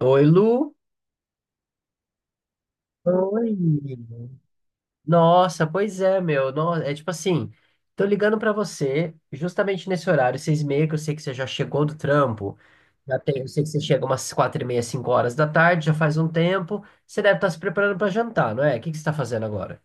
Oi, Lu. Oi. Nossa, pois é, meu. É tipo assim, tô ligando pra você justamente nesse horário, 6h30, que eu sei que você já chegou do trampo. Já tem, eu sei que você chega umas 4h30, 5 horas da tarde, já faz um tempo. Você deve estar se preparando pra jantar, não é? O que que você tá fazendo agora?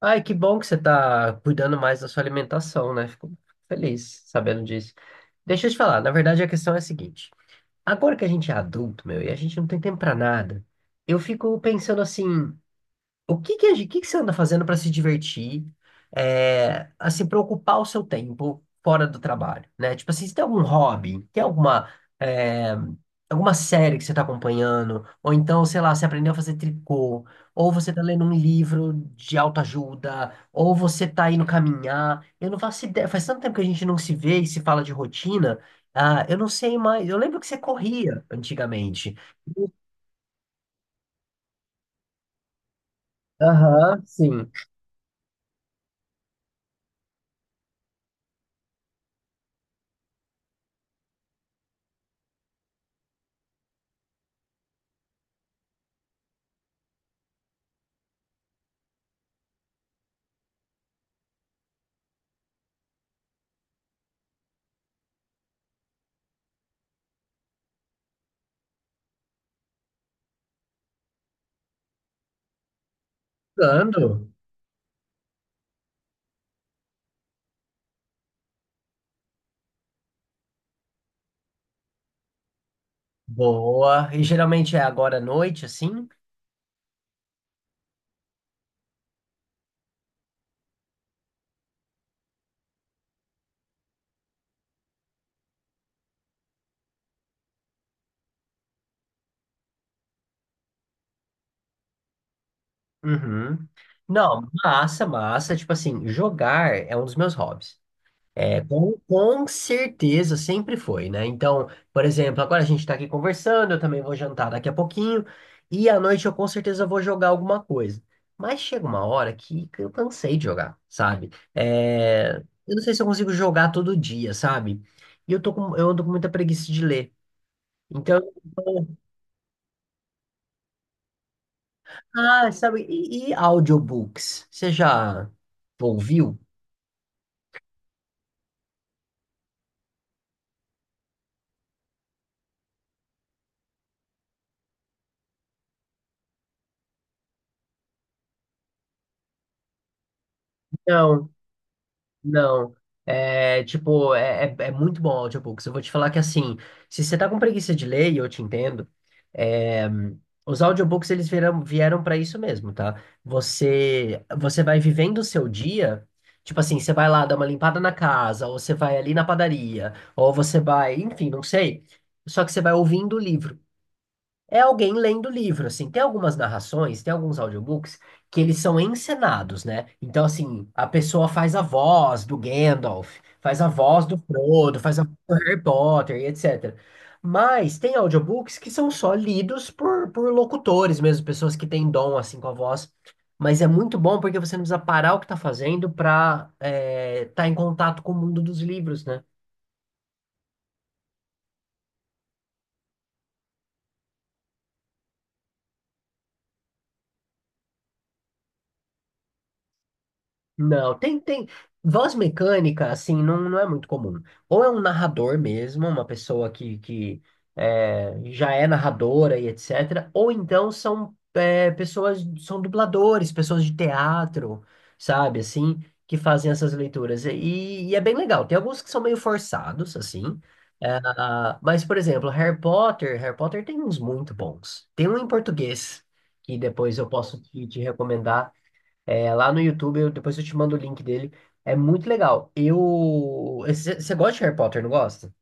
Ai, que bom que você tá cuidando mais da sua alimentação, né? Fico feliz sabendo disso. Deixa eu te falar, na verdade a questão é a seguinte. Agora que a gente é adulto, meu, e a gente não tem tempo pra nada, eu fico pensando assim. O que que, o que que você anda fazendo para se divertir, assim, para ocupar o seu tempo fora do trabalho, né? Tipo assim, você tem algum hobby, tem alguma, é, alguma série que você está acompanhando, ou então, sei lá, você aprendeu a fazer tricô, ou você está lendo um livro de autoajuda, ou você está indo caminhar. Eu não faço ideia, faz tanto tempo que a gente não se vê e se fala de rotina, ah, eu não sei mais. Eu lembro que você corria antigamente. Aham, sim. Ando. Boa. E geralmente é agora à noite, assim? Uhum. Não, massa, massa. Tipo assim, jogar é um dos meus hobbies. É, com certeza sempre foi, né? Então, por exemplo, agora a gente tá aqui conversando, eu também vou jantar daqui a pouquinho, e à noite eu com certeza vou jogar alguma coisa. Mas chega uma hora que eu cansei de jogar, sabe? É, eu não sei se eu consigo jogar todo dia, sabe? E eu ando com muita preguiça de ler. Então, ah, sabe, e audiobooks? Você já ouviu? Não, não. É, tipo, é muito bom o audiobooks. Eu vou te falar que, assim, se você tá com preguiça de ler, e eu te entendo, é, os audiobooks, eles vieram para isso mesmo, tá? Você vai vivendo o seu dia, tipo assim, você vai lá dar uma limpada na casa, ou você vai ali na padaria, ou você vai, enfim, não sei. Só que você vai ouvindo o livro. É alguém lendo o livro, assim. Tem algumas narrações, tem alguns audiobooks que eles são encenados, né? Então, assim, a pessoa faz a voz do Gandalf, faz a voz do Frodo, faz a voz do Harry Potter e etc. Mas tem audiobooks que são só lidos por locutores mesmo, pessoas que têm dom, assim, com a voz. Mas é muito bom porque você não precisa parar o que tá fazendo pra estar em contato com o mundo dos livros, né? Não, tem, tem. Voz mecânica, assim, não, não é muito comum. Ou é um narrador mesmo, uma pessoa que já é narradora e etc. Ou então são pessoas, são dubladores, pessoas de teatro, sabe, assim, que fazem essas leituras. E é bem legal. Tem alguns que são meio forçados, assim. É, ah, mas, por exemplo, Harry Potter, Harry Potter tem uns muito bons. Tem um em português, que depois eu posso te recomendar. É, lá no YouTube, depois eu te mando o link dele. É muito legal. Eu. Você gosta de Harry Potter, não gosta?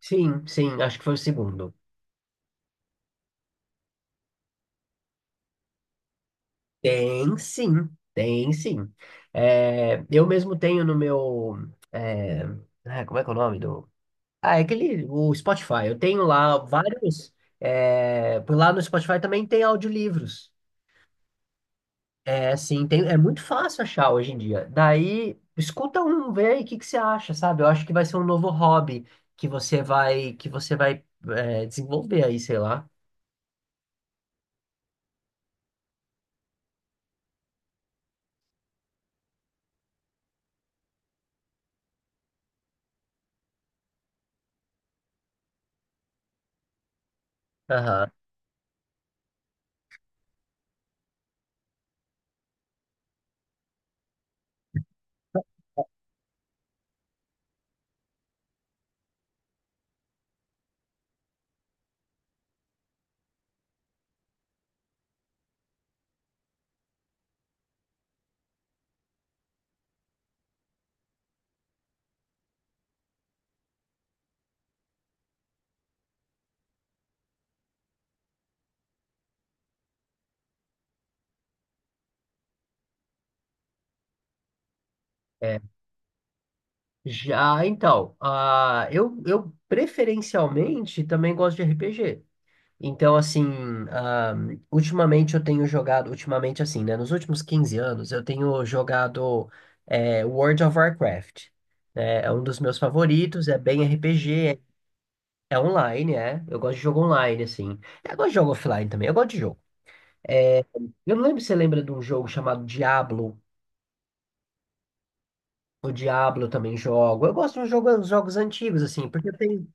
Sim, sim, acho que foi o segundo. Tem sim, tem sim. É, eu mesmo tenho no meu. é, ah, como é que é o nome do. Ah, é aquele. O Spotify. Eu tenho lá vários. Por lá no Spotify também tem audiolivros. É sim, tem, é muito fácil achar hoje em dia. Daí, escuta um, vê aí o que que você acha, sabe? Eu acho que vai ser um novo hobby que você vai desenvolver aí, sei lá. Aham. é. Já, então, ah eu preferencialmente também gosto de RPG. Então, assim, ah, ultimamente eu tenho jogado, ultimamente assim, né? Nos últimos 15 anos eu tenho jogado World of Warcraft. Né, É um dos meus favoritos, é bem RPG, É online, é. Eu gosto de jogo online, assim. Eu gosto de jogo offline também, eu gosto de jogo. Eu não lembro se você lembra de um jogo chamado Diablo. O Diablo eu também jogo. Eu gosto de jogos antigos, assim, porque tem.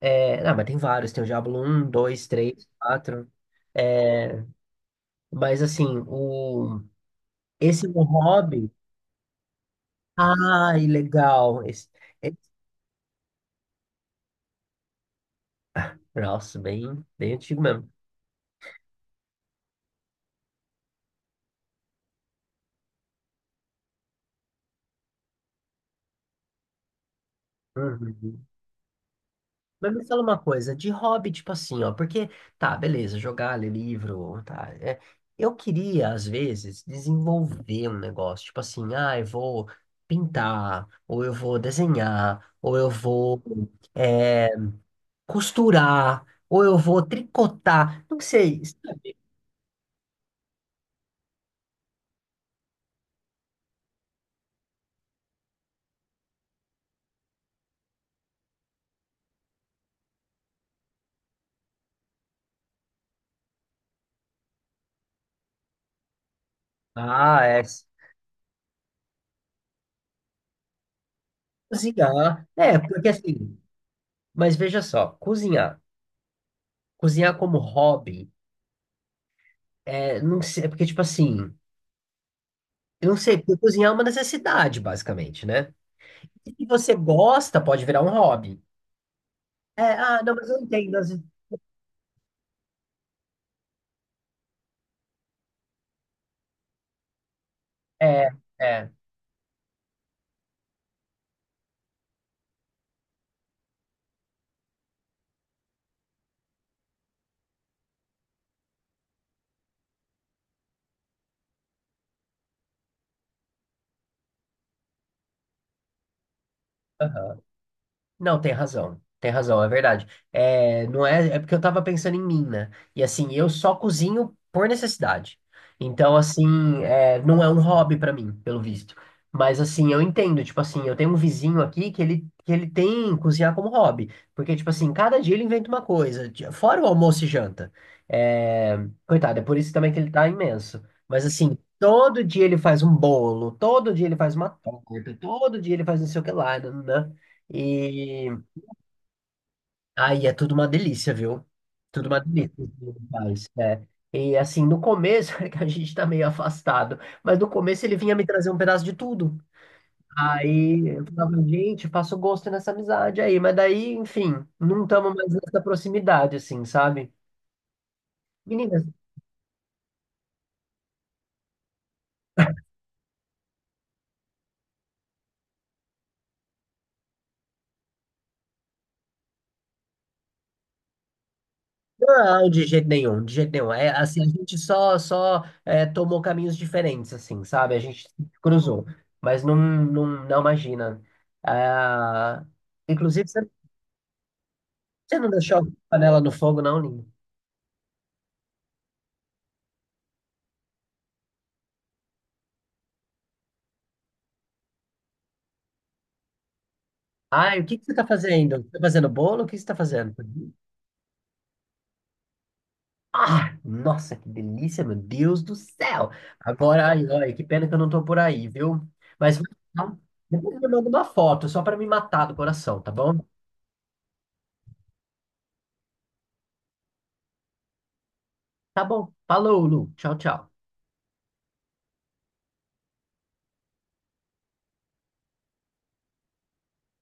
É... Ah, mas tem vários. Tem o Diablo um, dois, três, quatro. É... Mas, assim, o... esse meu hobby. Ai, legal. Esse- Nossa, bem, bem antigo mesmo. Uhum. Mas me fala uma coisa, de hobby, tipo assim, ó, porque, tá, beleza, jogar, ler livro, tá, eu queria, às vezes, desenvolver um negócio, tipo assim, ah, eu vou pintar, ou eu vou desenhar, ou eu vou, é, costurar, ou eu vou tricotar, não sei, sabe? Ah, cozinhar, é, porque assim, mas veja só, cozinhar, cozinhar como hobby, não sei, é porque, tipo assim, eu não sei, porque cozinhar é uma necessidade, basicamente, né? Se você gosta, pode virar um hobby. É, ah, não, mas eu entendo, é, é. Não, tem razão. Tem razão, é verdade. É, não é, é porque eu tava pensando em mim, né? E assim, eu só cozinho por necessidade. Então, assim, não é um hobby pra mim, pelo visto. Mas assim, eu entendo, tipo assim, eu tenho um vizinho aqui que ele, tem cozinhar como hobby. Porque, tipo assim, cada dia ele inventa uma coisa, fora o almoço e janta. É, coitado, é por isso também que ele tá imenso. Mas assim, todo dia ele faz um bolo, todo dia ele faz uma torta, todo dia ele faz não sei o que lá, né? E aí é tudo uma delícia, viu? Tudo uma delícia. Tudo que é. E assim, no começo, é que a gente tá meio afastado, mas no começo ele vinha me trazer um pedaço de tudo. Aí eu falava, gente, faço gosto nessa amizade aí, mas daí, enfim, não estamos mais nessa proximidade, assim, sabe? Meninas, não, de jeito nenhum, de jeito nenhum. É assim, a gente só tomou caminhos diferentes, assim, sabe? A gente se cruzou, mas não, não imagina. Ah, inclusive, você não deixou a panela no fogo, não, Linho? Ai, o que que você tá fazendo? Tá fazendo bolo? O que você tá fazendo? Ah, nossa, que delícia, meu Deus do céu! Agora, ai, ai, que pena que eu não tô por aí, viu? Mas então, depois eu mando uma foto só pra me matar do coração, tá bom? Tá bom. Falou, Lu. Tchau, tchau.